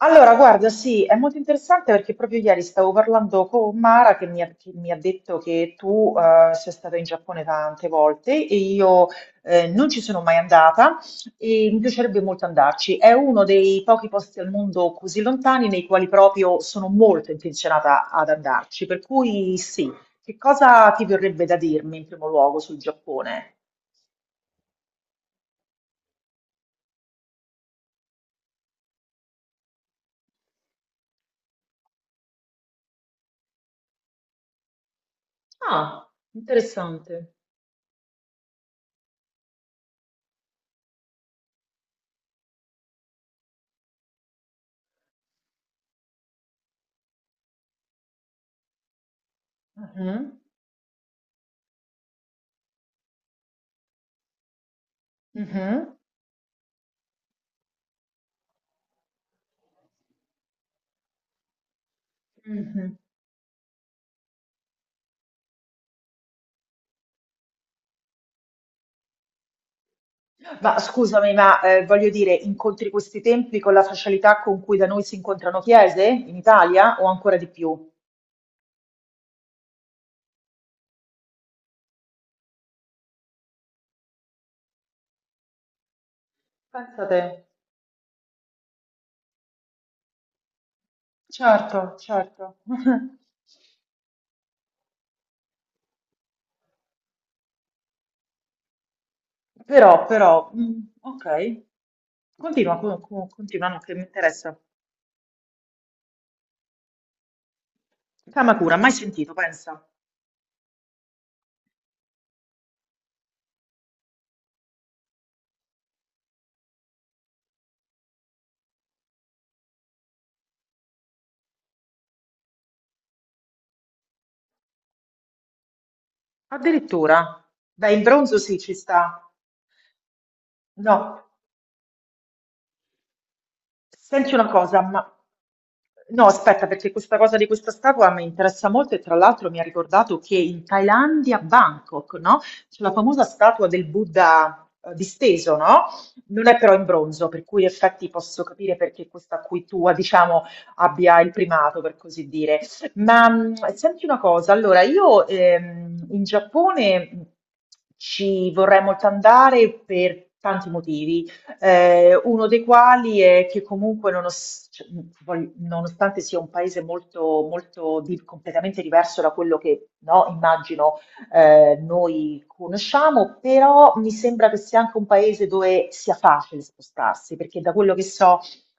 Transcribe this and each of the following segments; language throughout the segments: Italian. Allora, guarda, sì, è molto interessante perché proprio ieri stavo parlando con Mara che mi ha detto che tu sei stata in Giappone tante volte e io non ci sono mai andata e mi piacerebbe molto andarci. È uno dei pochi posti al mondo così lontani nei quali proprio sono molto intenzionata ad andarci, per cui sì. Che cosa ti verrebbe da dirmi in primo luogo sul Giappone? Ah, interessante. Mhm, mhm. Mhm. Ma scusami, ma, voglio dire, incontri questi templi con la facilità con cui da noi si incontrano chiese in Italia o ancora di più? Pensa te. Certo, certo. Però, mm, ok. Continua, continua, no, che mi interessa. Kamakura, mai sentito, pensa. Addirittura. Beh, in bronzo sì, ci sta. No. Senti una cosa, ma no, aspetta, perché questa cosa di questa statua mi interessa molto e tra l'altro mi ha ricordato che in Thailandia, a Bangkok, no? C'è la famosa statua del Buddha disteso, no? Non è però in bronzo, per cui in effetti posso capire perché questa qui tua, diciamo, abbia il primato, per così dire. Ma senti una cosa, allora io in Giappone ci vorrei molto andare per tanti motivi uno dei quali è che comunque cioè, poi, nonostante sia un paese molto, molto completamente diverso da quello che no, immagino noi conosciamo, però mi sembra che sia anche un paese dove sia facile spostarsi, perché da quello che so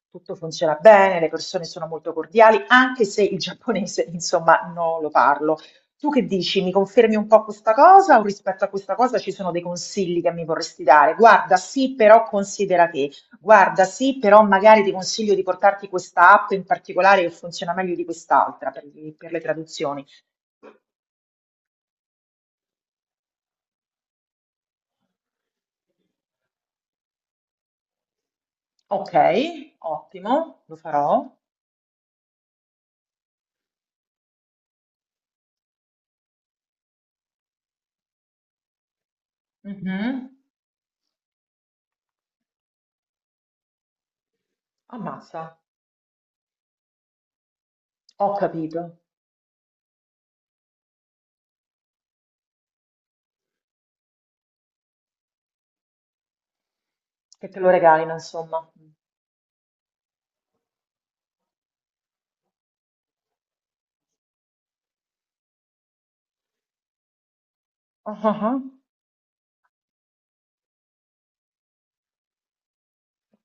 tutto funziona bene, le persone sono molto cordiali, anche se il giapponese, insomma, non lo parlo. Tu che dici? Mi confermi un po' questa cosa o rispetto a questa cosa ci sono dei consigli che mi vorresti dare? Guarda, sì, però considera che, guarda, sì, però magari ti consiglio di portarti questa app in particolare che funziona meglio di quest'altra per le traduzioni. Ok, ottimo, lo farò. Mhm. Ammazza, ho capito. Che te lo regalino, insomma. Ah, ah, ah.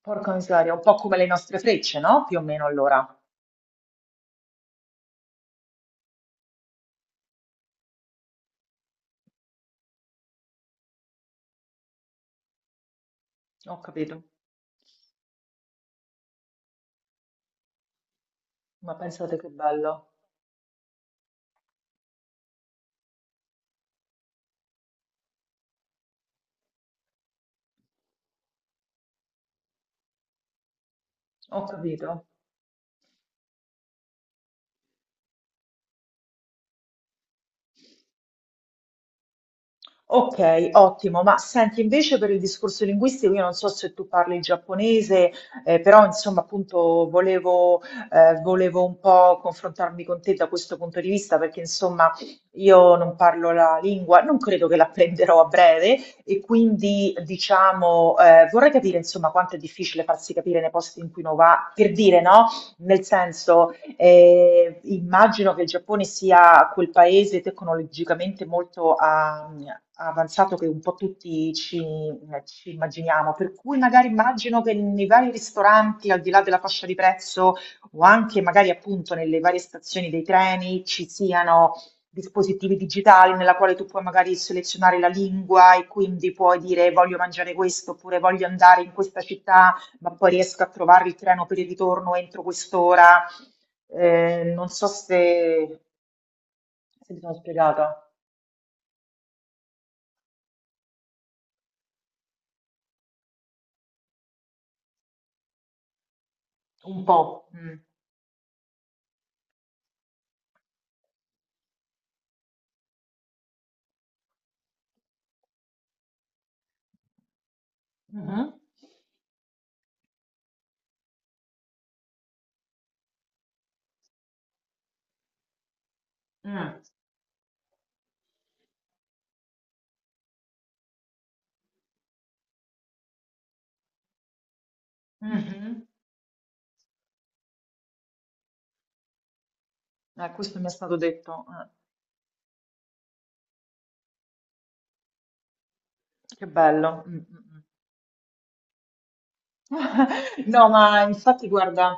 Porca miseria, un po' come le nostre frecce, no? Più o meno allora. Ho capito. Ma pensate che bello. Ho capito. Ok, ottimo. Ma senti, invece per il discorso linguistico, io non so se tu parli il giapponese, però insomma, appunto, volevo un po' confrontarmi con te da questo punto di vista, perché insomma, io non parlo la lingua, non credo che l'apprenderò a breve, e quindi diciamo, vorrei capire insomma quanto è difficile farsi capire nei posti in cui uno va, per dire, no? Nel senso, immagino che il Giappone sia quel paese tecnologicamente molto avanzato che un po' tutti ci immaginiamo, per cui magari immagino che nei vari ristoranti, al di là della fascia di prezzo o anche magari appunto nelle varie stazioni dei treni ci siano dispositivi digitali nella quale tu puoi magari selezionare la lingua e quindi puoi dire voglio mangiare questo oppure voglio andare in questa città ma poi riesco a trovare il treno per il ritorno entro quest'ora. Non so se, mi sono spiegata un po'. Mm. Mhm. Mm. Mhm. Questo mi è stato detto. Che bello. Mm, mm, mm. No, ma infatti, guarda,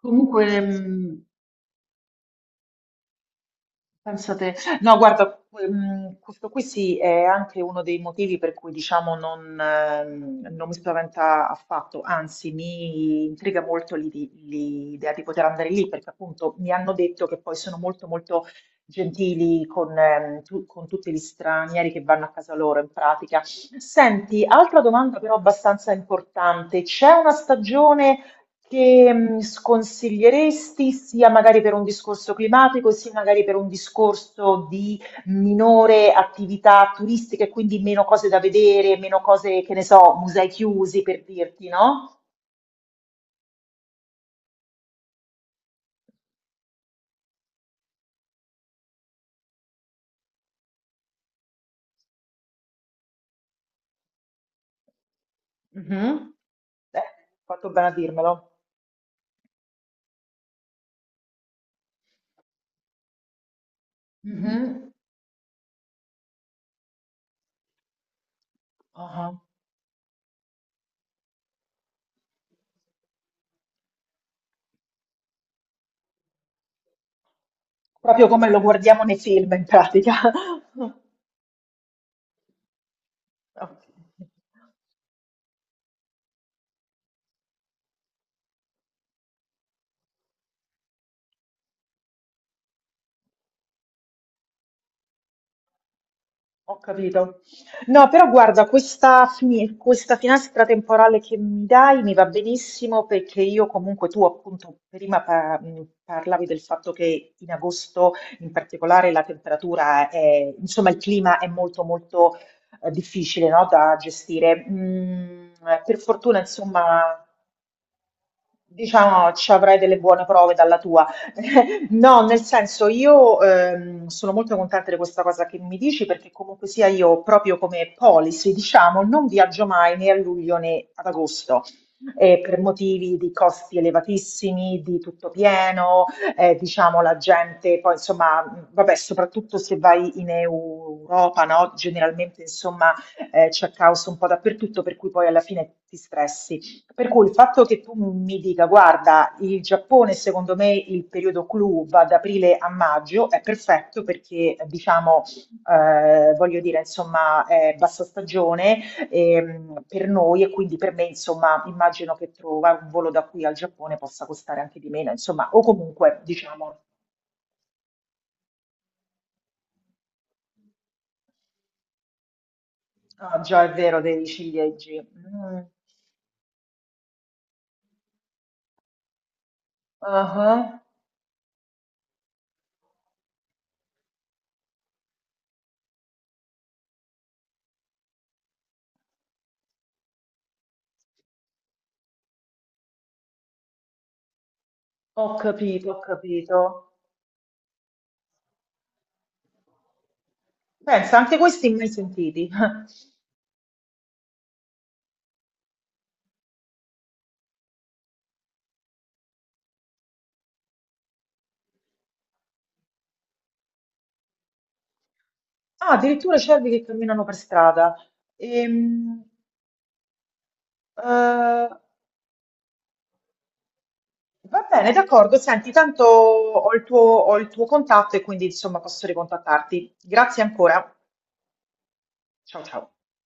comunque. Penso te. No, guarda, questo qui sì è anche uno dei motivi per cui diciamo non mi spaventa affatto, anzi mi intriga molto l'idea di poter andare lì perché appunto mi hanno detto che poi sono molto molto gentili con tutti gli stranieri che vanno a casa loro in pratica. Senti, altra domanda però abbastanza importante, c'è una stagione che, sconsiglieresti sia magari per un discorso climatico, sia magari per un discorso di minore attività turistica e quindi meno cose da vedere, meno cose, che ne so, musei chiusi per dirti, no? Mh-mh. Eh, fatto bene a dirmelo. Mh-mh. Ah-ah. Proprio come lo guardiamo nei film in pratica. Okay. Ho capito. No, però guarda, questa finestra temporale che mi dai mi va benissimo perché io comunque tu appunto prima parlavi del fatto che in agosto in particolare la temperatura è, insomma, il clima è molto molto difficile, no, da gestire. Per fortuna, insomma, diciamo ci avrai delle buone prove dalla tua. No, nel senso io, sono molto contenta di questa cosa che mi dici perché comunque sia io proprio come policy, diciamo, non viaggio mai né a luglio né ad agosto. Per motivi di costi elevatissimi, di tutto pieno, diciamo la gente, poi insomma, vabbè, soprattutto se vai in Europa, no? Generalmente insomma c'è caos un po' dappertutto, per cui poi alla fine ti stressi. Per cui il fatto che tu mi dica, guarda, il Giappone secondo me il periodo clou va da aprile a maggio, è perfetto perché diciamo, voglio dire, insomma, è bassa stagione per noi e quindi per me, insomma, immagino che trova un volo da qui al Giappone possa costare anche di meno, insomma, o comunque, diciamo, ah, già è vero dei ciliegi. Mm. Ah, ho capito, ho capito. Pensa, anche questi mai sentiti. Ah, addirittura cervi che camminano per strada. Ehm, eh, Va bene, d'accordo. Senti, tanto ho il tuo contatto e quindi insomma posso ricontattarti. Grazie ancora. Ciao ciao.